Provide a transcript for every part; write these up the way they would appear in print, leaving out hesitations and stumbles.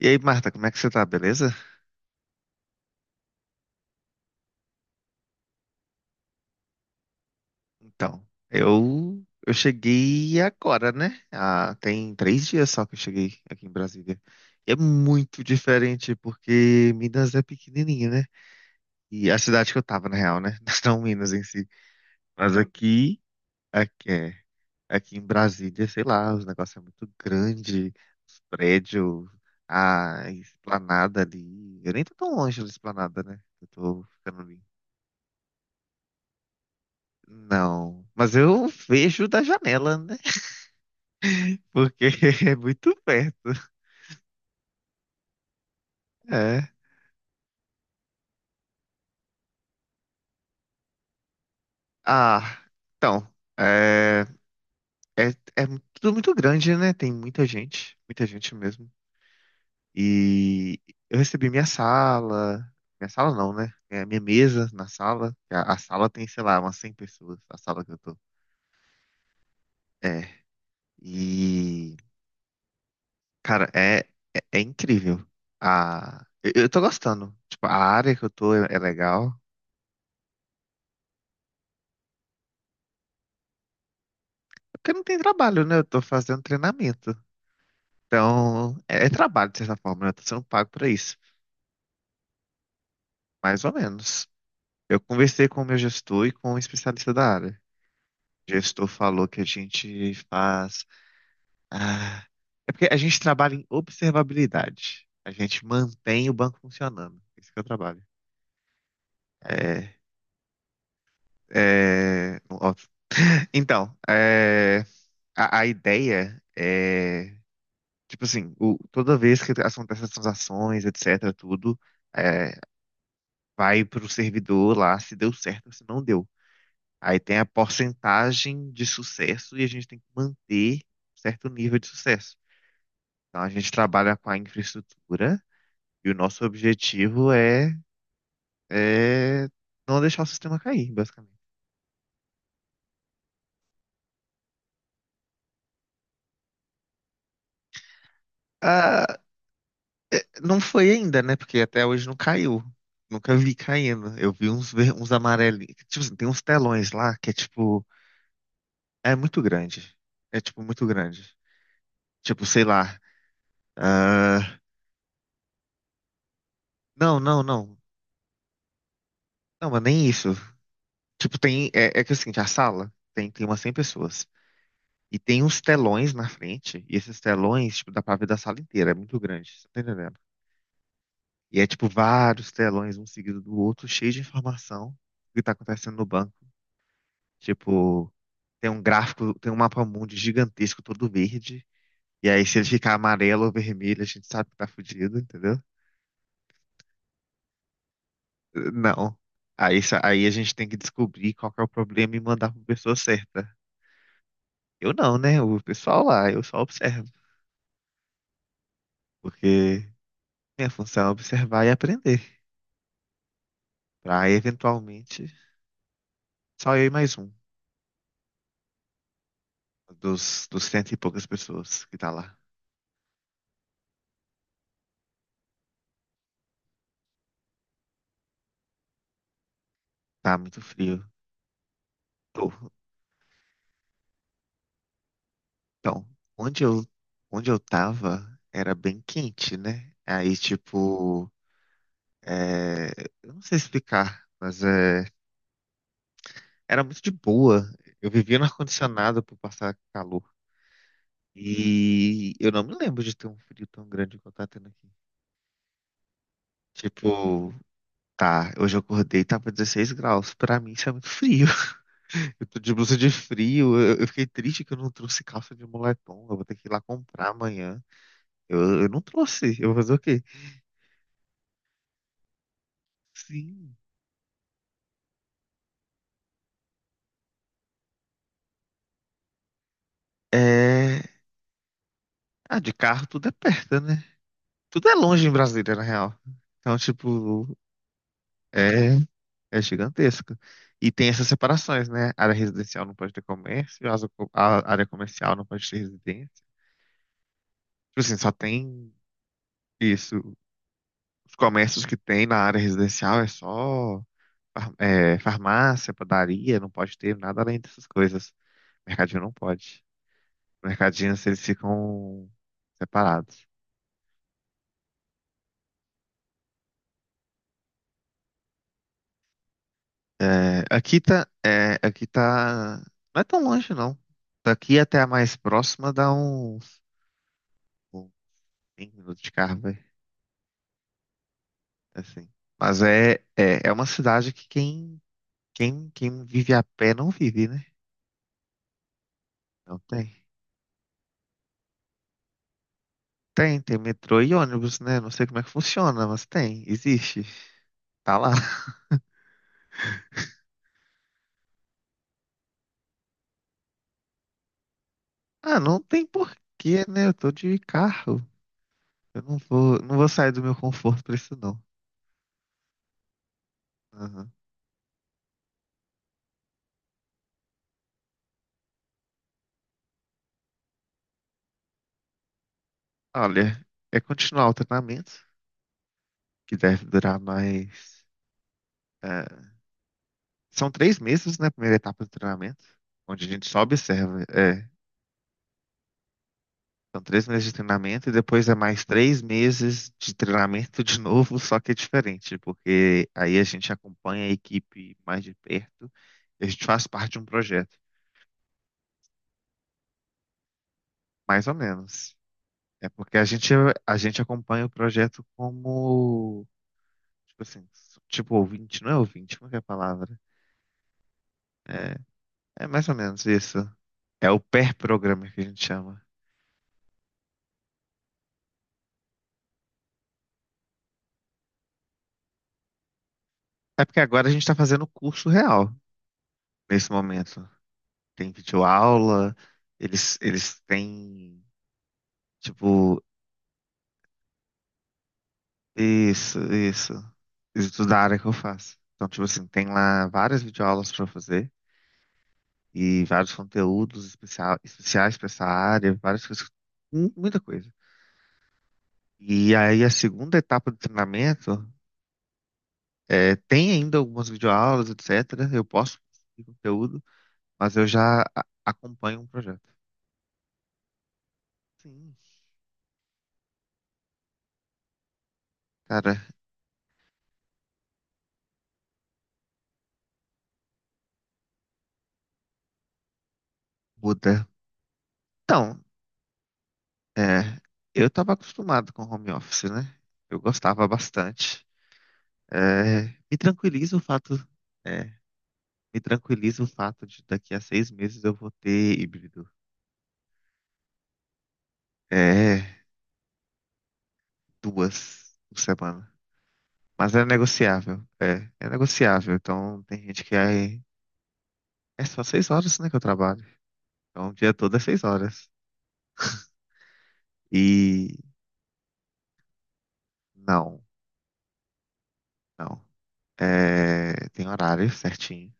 E aí, Marta, como é que você tá, beleza? Então, eu cheguei agora, né? Ah, tem 3 dias só que eu cheguei aqui em Brasília. E é muito diferente porque Minas é pequenininha, né? E a cidade que eu tava, na real, né? Não Minas em si. Mas aqui é, aqui em Brasília, sei lá, os negócios é muito grande, os prédios, a esplanada ali. Eu nem tô tão longe da esplanada, né? Eu tô ficando ali. Não, mas eu vejo da janela, né? Porque é muito perto. É. Ah, então, é, é, é tudo muito grande, né? Tem muita gente mesmo. E eu recebi minha sala não, né? É minha mesa na sala. A sala tem, sei lá, umas 100 pessoas, a sala que eu tô. É, e, cara, é incrível. Eu tô gostando. Tipo, a área que eu tô é legal. Porque não tem trabalho, né? Eu tô fazendo treinamento. Então, é trabalho, de certa forma, né? Eu tô sendo pago pra isso. Mais ou menos. Eu conversei com o meu gestor e com um especialista da área. O gestor falou que a gente faz. Ah, é porque a gente trabalha em observabilidade. A gente mantém o banco funcionando. É isso que eu trabalho. É. É. Óbvio. Então, a ideia é. Tipo assim, toda vez que acontece as transações, etc, tudo, é, vai pro servidor lá se deu certo ou se não deu. Aí tem a porcentagem de sucesso e a gente tem que manter um certo nível de sucesso. Então a gente trabalha com a infraestrutura e o nosso objetivo é, é não deixar o sistema cair, basicamente. Ah, não foi ainda, né? Porque até hoje não caiu. Nunca vi caindo. Eu vi uns amarelinhos. Tipo assim, tem uns telões lá que é tipo. É muito grande. É, tipo, muito grande. Tipo, sei lá. ah, Não, não, não. Não, mas nem isso. Tipo, tem. É que é o seguinte: a sala tem umas 100 pessoas. E tem uns telões na frente. E esses telões, tipo, dá pra ver da sala inteira. É muito grande. Você tá entendendo? E é, tipo, vários telões, um seguido do outro, cheio de informação do que tá acontecendo no banco. Tipo, tem um gráfico, tem um mapa mundi gigantesco, todo verde. E aí, se ele ficar amarelo ou vermelho, a gente sabe que tá fudido, entendeu? Não. Aí, aí a gente tem que descobrir qual que é o problema e mandar para a pessoa certa. Eu não, né? O pessoal lá, eu só observo. Porque minha função é observar e aprender. Para eventualmente, só eu e mais um dos cento e poucas pessoas que tá lá. Tá muito frio. Tô. Então, onde eu, onde eu tava era bem quente, né? Aí, tipo, é, eu não sei explicar, mas era muito de boa. Eu vivia no ar-condicionado por passar calor. E eu não me lembro de ter um frio tão grande igual tá tendo aqui. Tipo, tá, hoje eu acordei e tava 16 graus. Pra mim isso é muito frio. Eu tô de blusa de frio. Eu fiquei triste que eu não trouxe calça de moletom. Eu vou ter que ir lá comprar amanhã. Eu não trouxe. Eu vou fazer o quê? Sim. É. Ah, de carro tudo é perto, né? Tudo é longe em Brasília, na real. Então, tipo, é. É gigantesca. E tem essas separações, né? Área residencial não pode ter comércio, a área comercial não pode ter residência. Tipo assim, só tem isso. Os comércios que tem na área residencial é só farmácia, padaria, não pode ter nada além dessas coisas. Mercadinho não pode. Mercadinhos, eles ficam separados. Aqui tá, não é tão longe, não. Daqui até a mais próxima dá uns 5 minutos de carro, vai. Assim. Mas é uma cidade que quem vive a pé não vive, né? Não tem. Tem metrô e ônibus, né? Não sei como é que funciona, mas tem, existe. Tá lá. Ah, não tem porquê, né? Eu tô de carro. Eu não vou sair do meu conforto pra isso, não. Aham. Olha, é continuar o treinamento, que deve durar mais. eh, são 3 meses, né? A primeira etapa do treinamento, onde a gente só observa. São 3 meses de treinamento e depois é mais 3 meses de treinamento de novo, só que é diferente, porque aí a gente acompanha a equipe mais de perto e a gente faz parte de um projeto, mais ou menos. É porque a gente acompanha o projeto como, tipo assim, tipo ouvinte, não é ouvinte, como é que é a palavra? É, é mais ou menos isso. É o pair programmer que a gente chama. É porque agora a gente está fazendo o curso real nesse momento. Tem videoaula, eles têm, tipo, isso, isso. Isso tudo da área que eu faço. Então, tipo assim, tem lá várias videoaulas para fazer e vários conteúdos especial, especiais para essa área, várias coisas, muita coisa. E aí a segunda etapa do treinamento tem ainda algumas videoaulas, etc. Eu posso produzir conteúdo, mas eu já acompanho um projeto. Sim, cara, muda. Então, é, eu estava acostumado com home office, né? Eu gostava bastante. É, me tranquiliza o fato, é, Me tranquiliza o fato de daqui a 6 meses eu vou ter híbrido. É, duas por semana. Mas é negociável, é negociável. Então tem gente que é só 6 horas, né, que eu trabalho. Então o dia todo é 6 horas. E não, não. É, tem horário certinho.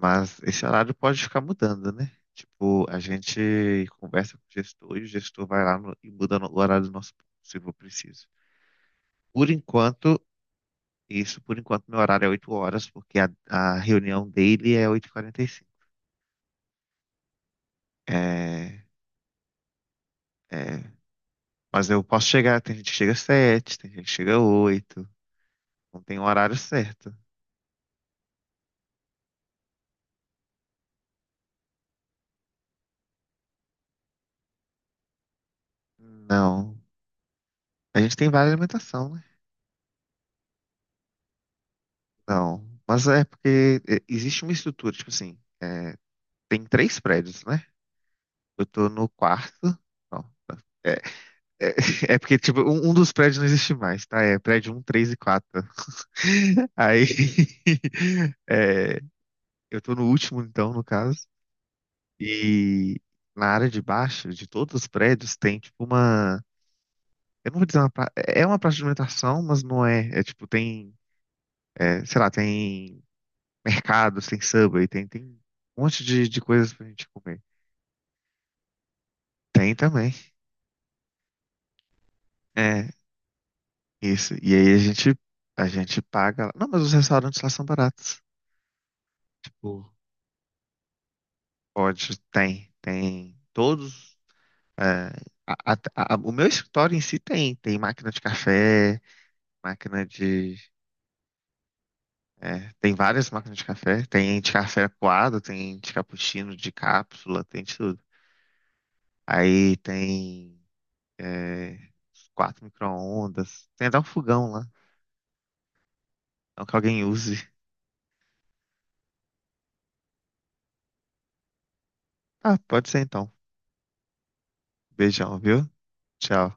Mas esse horário pode ficar mudando, né? Tipo, a gente conversa com o gestor e o gestor vai lá e muda o horário do nosso ponto, se for preciso. Por enquanto, isso, por enquanto, meu horário é 8 horas, porque a reunião dele é 8:45. É, é, mas eu posso chegar, tem gente que chega às 7, tem gente que chega às 8, não tem um horário certo. Não. A gente tem várias alimentação, né? Não. Mas é porque existe uma estrutura, tipo assim, tem três prédios, né? Eu tô no quarto. Não. É, é, é porque, tipo, um dos prédios não existe mais, tá? É prédio um, três e 4. Aí. é, eu tô no último, então, no caso. E na área de baixo, de todos os prédios, tem, tipo, uma. Eu não vou dizer uma. É uma praça de alimentação, mas não é. É, tipo, tem. Sei lá, tem mercados, tem Subway, tem um monte de coisas pra gente comer. Tem também. É. Isso. E aí a gente paga lá. Não, mas os restaurantes lá são baratos. Tipo, pode, tem todos. é, o meu escritório em si tem, máquina de café, máquina de, tem várias máquinas de café, tem de café coado, tem de cappuccino, de cápsula, tem de tudo. Aí tem, é, quatro micro-ondas, tem até um fogão lá, não que alguém use. Ah, pode ser então. Beijão, viu? Tchau.